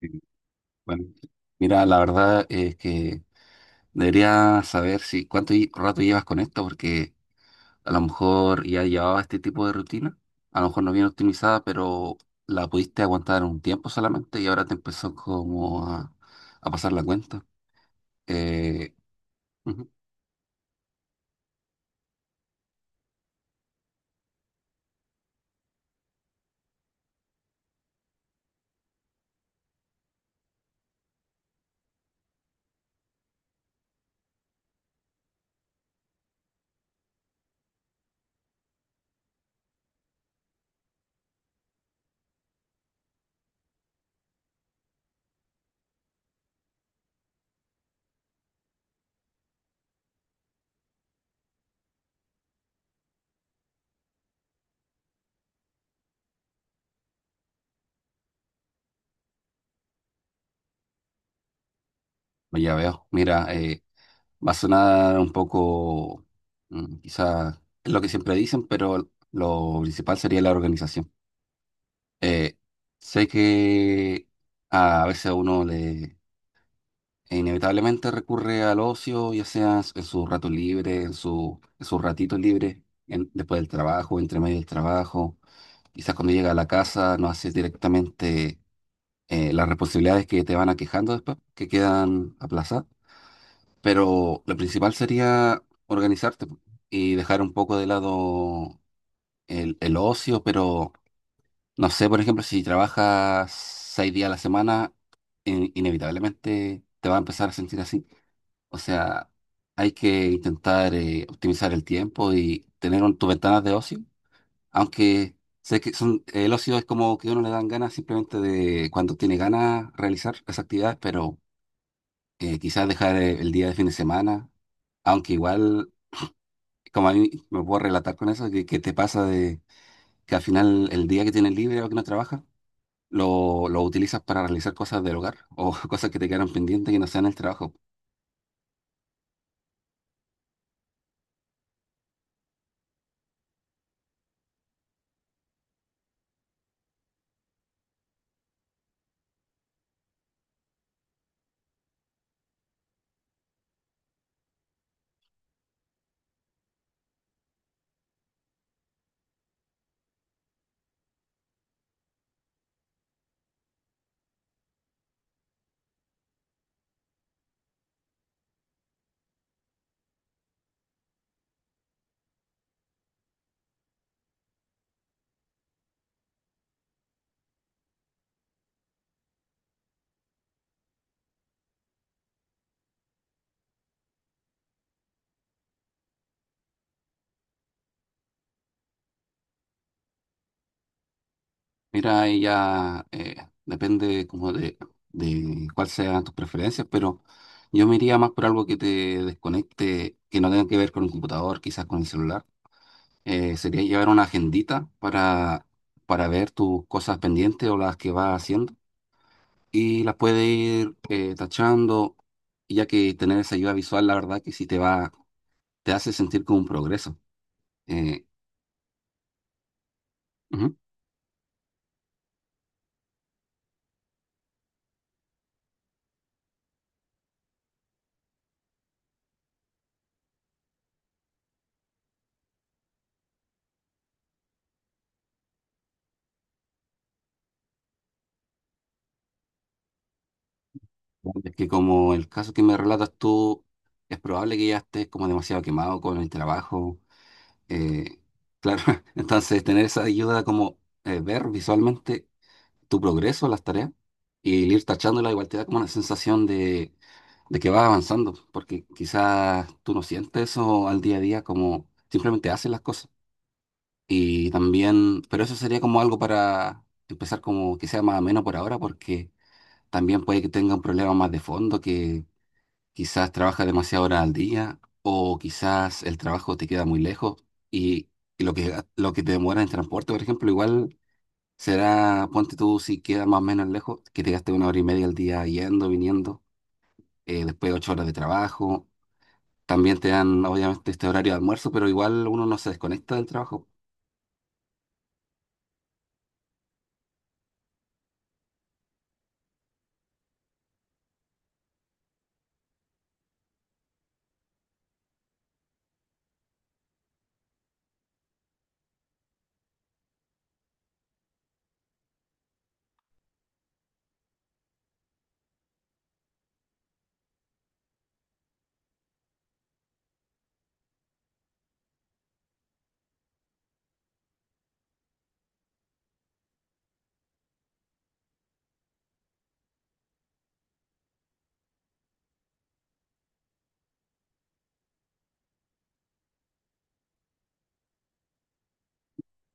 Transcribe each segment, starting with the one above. Sí. Bueno, mira, la verdad es que debería saber si rato llevas con esto, porque a lo mejor ya llevaba este tipo de rutina, a lo mejor no bien optimizada, pero la pudiste aguantar un tiempo solamente y ahora te empezó como a pasar la cuenta. Eh, ujú, pues ya veo. Mira, va a sonar un poco, quizá es lo que siempre dicen, pero lo principal sería la organización. Eh, sé que a veces a uno le e inevitablemente recurre al ocio, ya sea en su rato libre, en en sus ratitos libres, después del trabajo, entre medio del trabajo. Quizás cuando llega a la casa no haces directamente las responsabilidades que te van aquejando después, que quedan aplazadas. Pero lo principal sería organizarte po, y dejar un poco de lado el ocio. Pero no sé, por ejemplo, si trabajas seis días a la semana, inevitablemente te va a empezar a sentir así. O sea, hay que intentar optimizar el tiempo y tener tus ventanas de ocio, aunque sé que son, el ocio es como que a uno le dan ganas simplemente de cuando tiene ganas realizar las actividades, pero quizás dejar el día de fin de semana, aunque igual, como a mí me puedo relatar con eso, que te pasa de que al final el día que tienes libre o que no trabajas, lo utilizas para realizar cosas del hogar o cosas que te quedaron pendientes que no sean el trabajo. Mira, ahí ya depende como de cuáles sean tus preferencias, pero yo me iría más por algo que te desconecte, que no tenga que ver con el computador, quizás con el celular. Sería llevar una agendita para ver tus cosas pendientes o las que vas haciendo y las puedes ir tachando, ya que tener esa ayuda visual, la verdad que sí te va, te hace sentir como un progreso. Eh, ujú. Es que como el caso que me relatas tú, es probable que ya estés como demasiado quemado con el trabajo. eh, claro, entonces tener esa ayuda como ver visualmente tu progreso, las tareas, y el ir tachándola igual te da como una sensación de que vas avanzando, porque quizás tú no sientes eso al día a día como simplemente haces las cosas. Y también, pero eso sería como algo para empezar como que sea más ameno por ahora, porque también puede que tenga un problema más de fondo, que quizás trabajas demasiadas horas al día o quizás el trabajo te queda muy lejos y, y lo que te demora en transporte, por ejemplo, igual será, ponte tú si queda más o menos lejos, que te gastes una hora y media al día yendo, viniendo, después ocho horas de trabajo. También te dan, obviamente, este horario de almuerzo, pero igual uno no se desconecta del trabajo.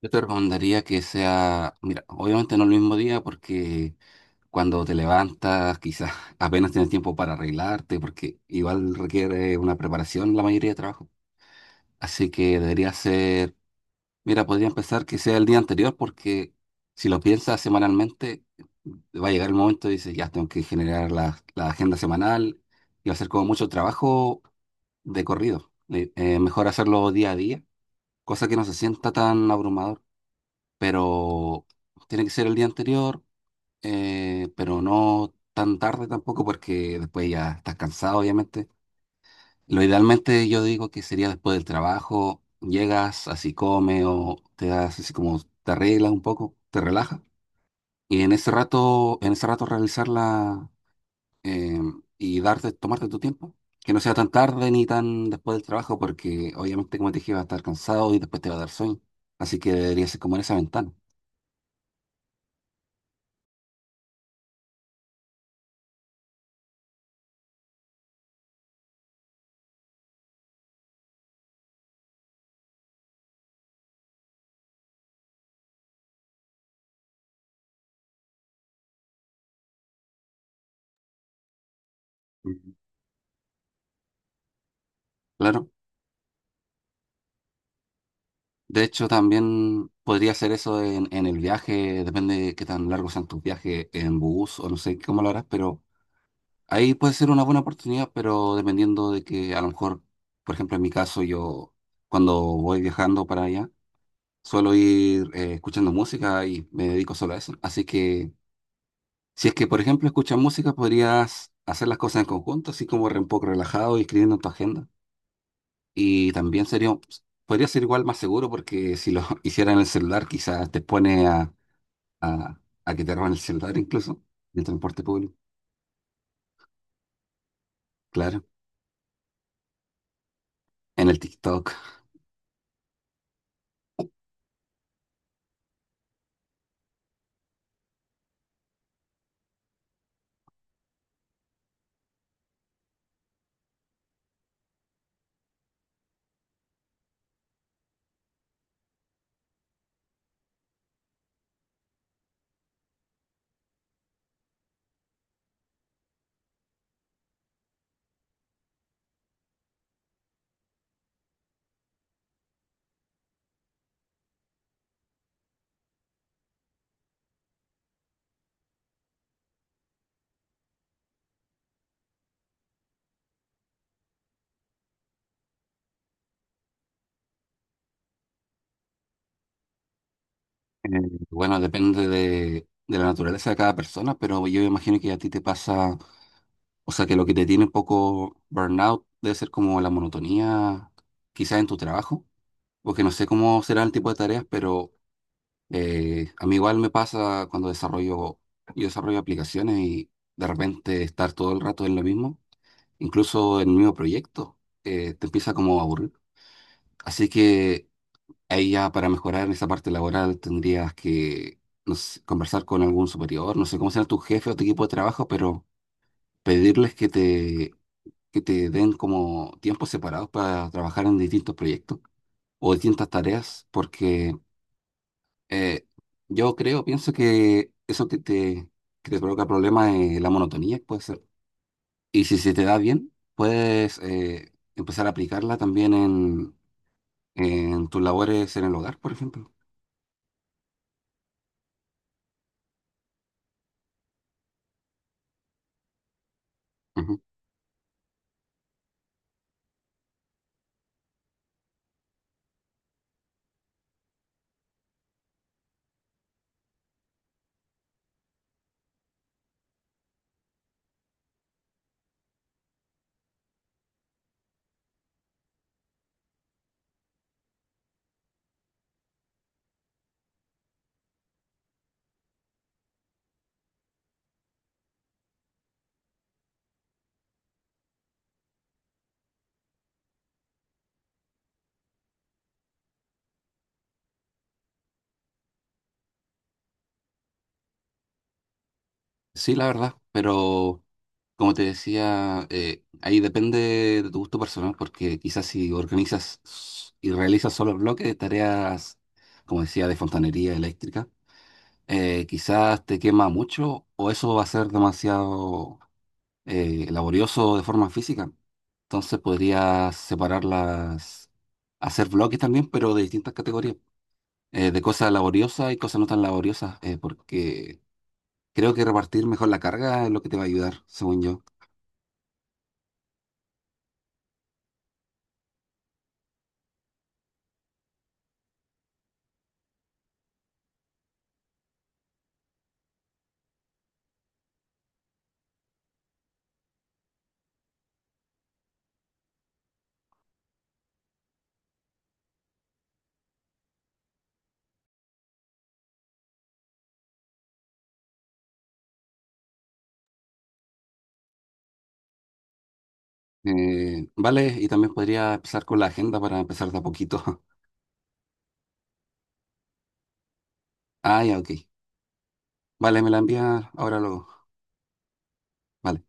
Yo te recomendaría que sea, mira, obviamente no el mismo día porque cuando te levantas, quizás apenas tienes tiempo para arreglarte, porque igual requiere una preparación la mayoría de trabajo. Así que debería ser, mira, podría empezar que sea el día anterior, porque si lo piensas semanalmente, va a llegar el momento y dices, ya tengo que generar la agenda semanal y va a ser como mucho trabajo de corrido. Mejor hacerlo día a día, cosa que no se sienta tan abrumador, pero tiene que ser el día anterior pero no tan tarde tampoco porque después ya estás cansado, obviamente. Lo idealmente yo digo que sería después del trabajo, llegas, así comes o te das así como te arreglas un poco, te relajas y en ese rato realizarla eh, y darte, tomarte tu tiempo. Que no sea tan tarde ni tan después del trabajo porque obviamente como te dije vas a estar cansado y después te va a dar sueño. Así que debería ser como en esa ventana. Ujú. Claro. De hecho, también podría ser eso en el viaje, depende de qué tan largos sean tus viajes en bus o no sé cómo lo harás, pero ahí puede ser una buena oportunidad, pero dependiendo de que a lo mejor, por ejemplo, en mi caso, yo cuando voy viajando para allá, suelo ir escuchando música y me dedico solo a eso. Así que si es que, por ejemplo, escuchas música, podrías hacer las cosas en conjunto, así como un poco relajado y escribiendo en tu agenda. Y también sería, podría ser igual más seguro porque si lo hicieran en el celular, quizás te expone a, a que te roben el celular incluso en el transporte público, claro, en el TikTok. Eh, bueno, depende de la naturaleza de cada persona, pero yo imagino que a ti te pasa, o sea, que lo que te tiene un poco burnout debe ser como la monotonía, quizás en tu trabajo, porque no sé cómo será el tipo de tareas. Pero a mí igual me pasa cuando desarrollo, yo desarrollo aplicaciones y de repente estar todo el rato en lo mismo, incluso en el mismo proyecto, te empieza como a aburrir. Así que ahí ya para mejorar en esa parte laboral tendrías que no sé, conversar con algún superior, no sé cómo será tu jefe o tu equipo de trabajo, pero pedirles que te den como tiempos separados para trabajar en distintos proyectos o distintas tareas, porque Eh, yo creo, pienso que eso que te provoca problemas es la monotonía, puede ser. Y si se te da bien, puedes empezar a aplicarla también en tus labores en el hogar, por ejemplo. Ujú. Sí, la verdad, pero como te decía, ahí depende de tu gusto personal, porque quizás si y realizas solo bloques de tareas, como decía, de fontanería eléctrica, quizás te quema mucho o eso va a ser demasiado laborioso de forma física. Entonces podrías separarlas, hacer bloques también, pero de distintas categorías, de cosas laboriosas y cosas no tan laboriosas, porque creo que repartir mejor la carga es lo que te va a ayudar, según yo. Vale, y también podría empezar con la agenda para empezar de a poquito. Ah, ya, ok. Vale, me la envías ahora luego. Vale.